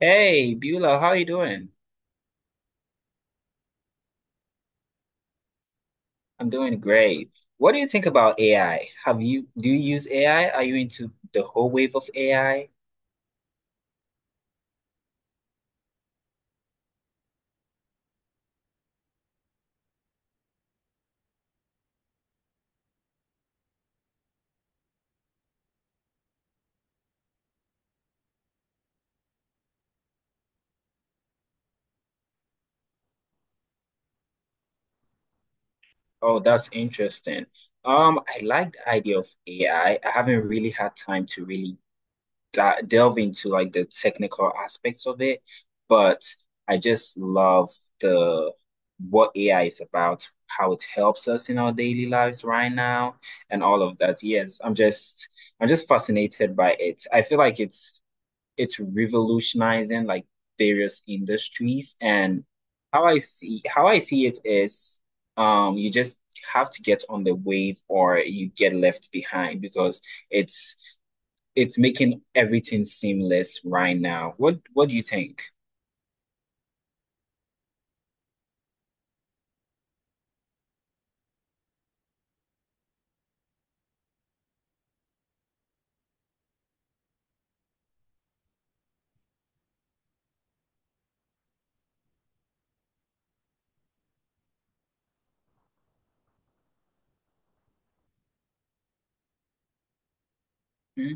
Hey, Beulah, how are you doing? I'm doing great. What do you think about AI? Have you do you use AI? Are you into the whole wave of AI? Oh, that's interesting. I like the idea of AI. I haven't really had time to really delve into like the technical aspects of it, but I just love the what AI is about, how it helps us in our daily lives right now, and all of that. Yes. I'm just fascinated by it. I feel like it's revolutionizing like various industries and how I see it is you just have to get on the wave or you get left behind because it's it's making everything seamless right now. What do you think? Hmm?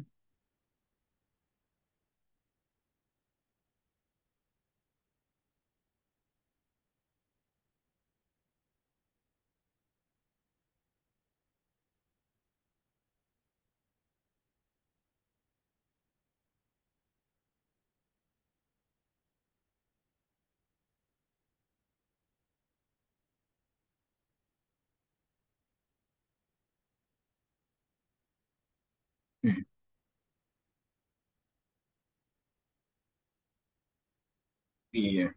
Hmm. Yeah.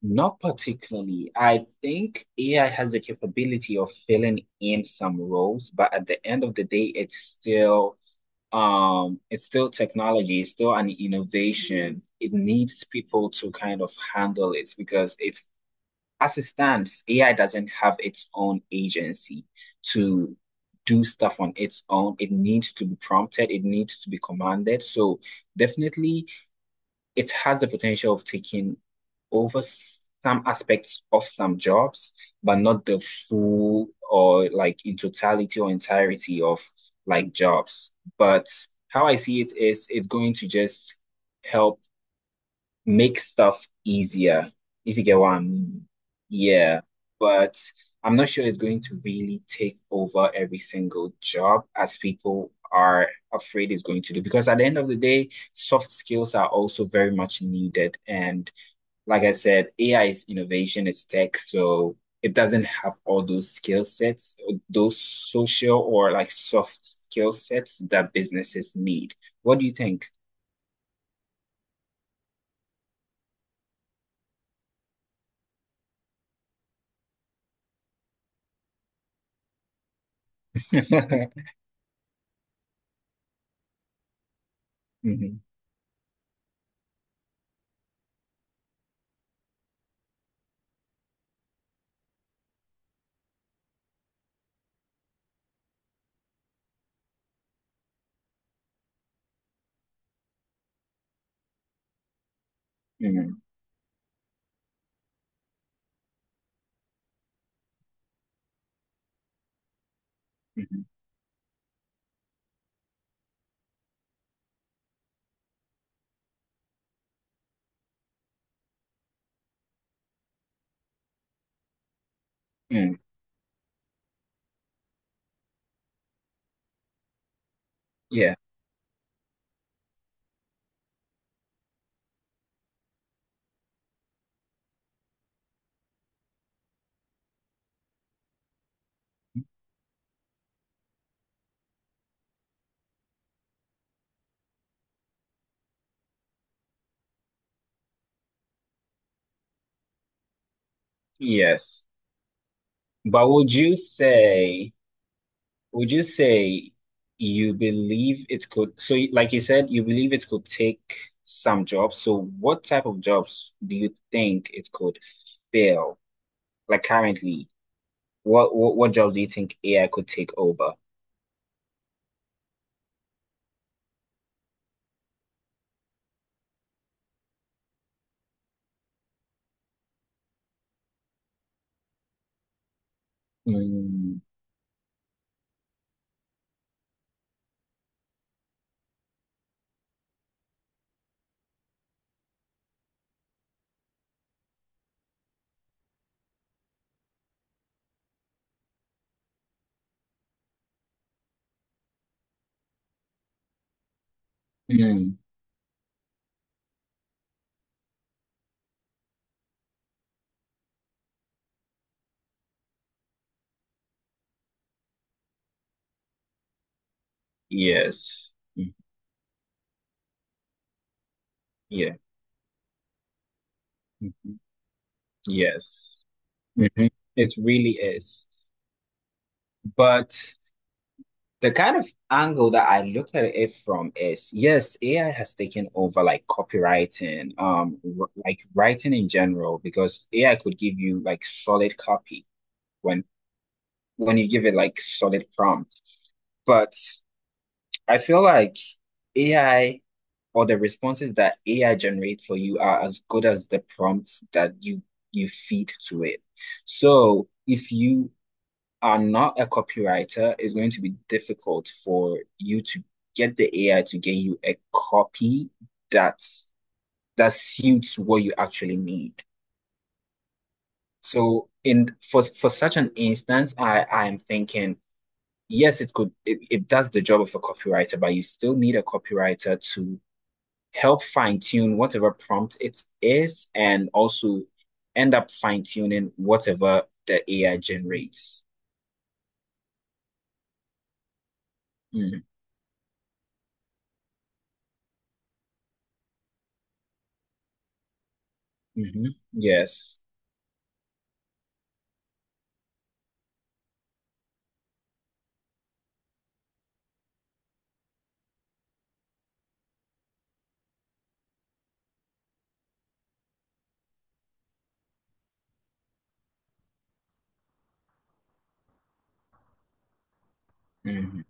Not particularly. I think AI has the capability of filling in some roles, but at the end of the day, it's still technology, it's still an innovation, it needs people to kind of handle it because it's, as it stands, AI doesn't have its own agency to do stuff on its own. It needs to be prompted, it needs to be commanded. So definitely it has the potential of taking over some aspects of some jobs, but not the full or like in totality or entirety of like jobs. But how I see it is it's going to just help make stuff easier, if you get what I mean. Yeah, but I'm not sure it's going to really take over every single job as people are afraid it's going to do. Because at the end of the day, soft skills are also very much needed. And like I said, AI is innovation, it's tech, so it doesn't have all those skill sets, those social or like soft skill sets that businesses need. What do you think? Mhm, mhm, mhm, mhm, mhm. Yeah, yes. But would you say you believe it could, so like you said, you believe it could take some jobs. So what type of jobs do you think it could fill? Like currently, what jobs do you think AI could take over? Mm, mm, yes. Mm, yeah. Mhm. Yes. Mhm. It really is. But The kind of angle that I look at it from is, yes, AI has taken over like copywriting, like writing in general, because AI could give you like solid copy when you give it like solid prompt. But I feel like AI, or the responses that AI generates for you, are as good as the prompts that you feed to it. So if you are not a copywriter, it's going to be difficult for you to get the AI to get you a copy that that suits what you actually need. So in for such an instance, I am thinking, yes, it could, it does the job of a copywriter, but you still need a copywriter to help fine-tune whatever prompt it is and also end up fine-tuning whatever the AI generates. Mm, mhm, yes. Mhm.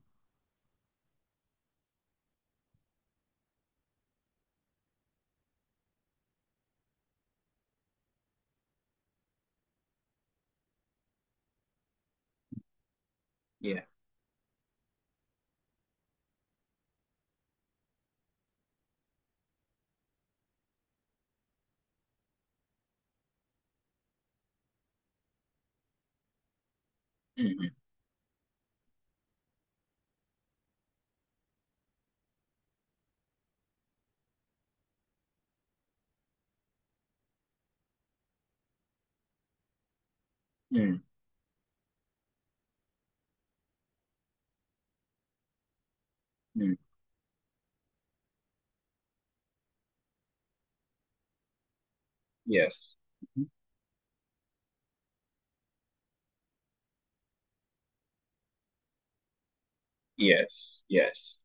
Yeah. Mm, mm, mm. Yes. Mhm. Yes. Yes.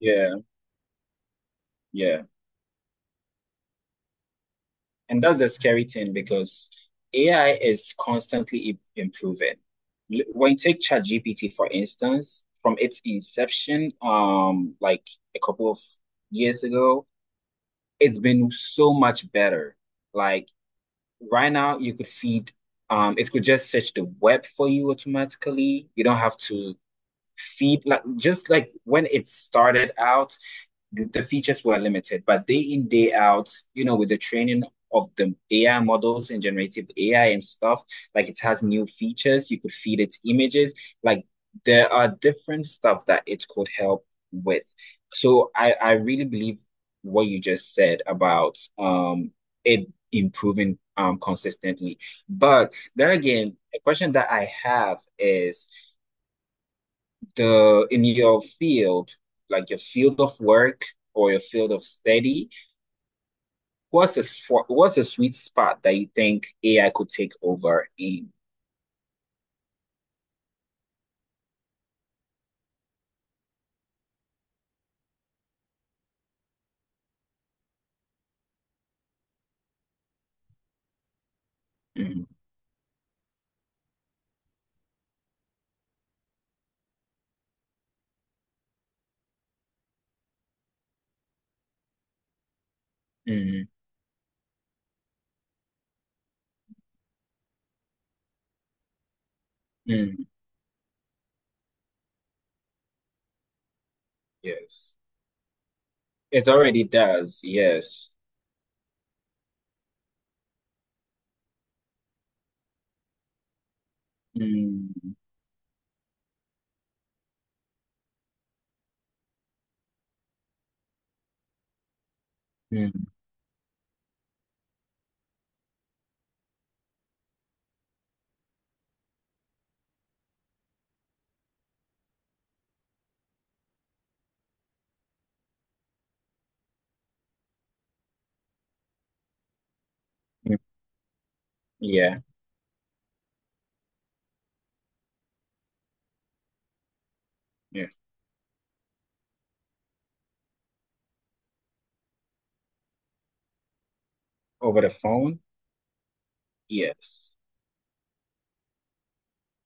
Yeah. Yeah. And that's the scary thing because AI is constantly improving. When you take ChatGPT, for instance, from its inception, like a couple of years ago, it's been so much better. Like right now, you could it could just search the web for you automatically. You don't have to feed, like, just like when it started out, features were limited, but day in, day out, you know, with the training of the AI models and generative AI and stuff, like it has new features. You could feed its images. Like there are different stuff that it could help with. So I really believe what you just said about it improving consistently. But there again, a question that I have is the in your field, like your field of work or your field of study, what's a sweet spot that you think AI could take over in? Mm, mm, mm, yes, it already does. Yes. Mm, mm, mm. Yeah, yeah. Over the phone. Yes.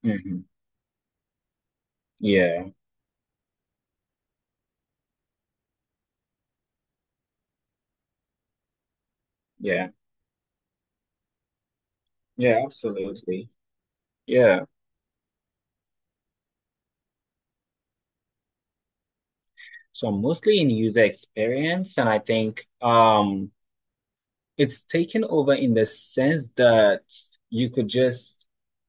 Hmm. Yeah, yeah, yeah. Absolutely. Yeah. So mostly in user experience, and I think. It's taken over in the sense that you could just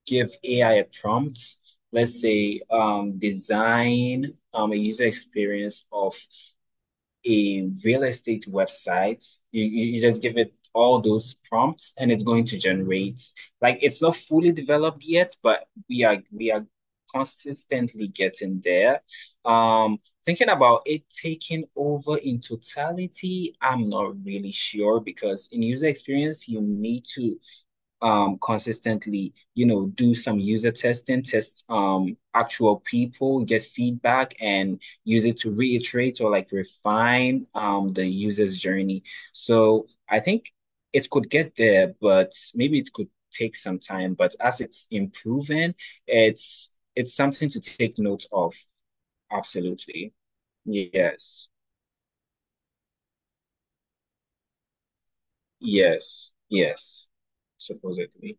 give AI a prompt, let's say, design a user experience of a real estate website. You just give it all those prompts and it's going to generate. Like it's not fully developed yet, but we are consistently getting there. Um, thinking about it taking over in totality, I'm not really sure because in user experience, you need to consistently, you know, do some user testing, test actual people, get feedback and use it to reiterate or like refine the user's journey. So I think it could get there, but maybe it could take some time, but as it's improving, it's something to take note of. Absolutely. Yes, yes, yes. Supposedly.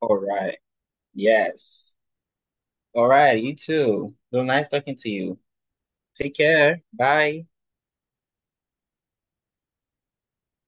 All right. Yes. All right, you too. It was nice talking to you. Take care. Bye.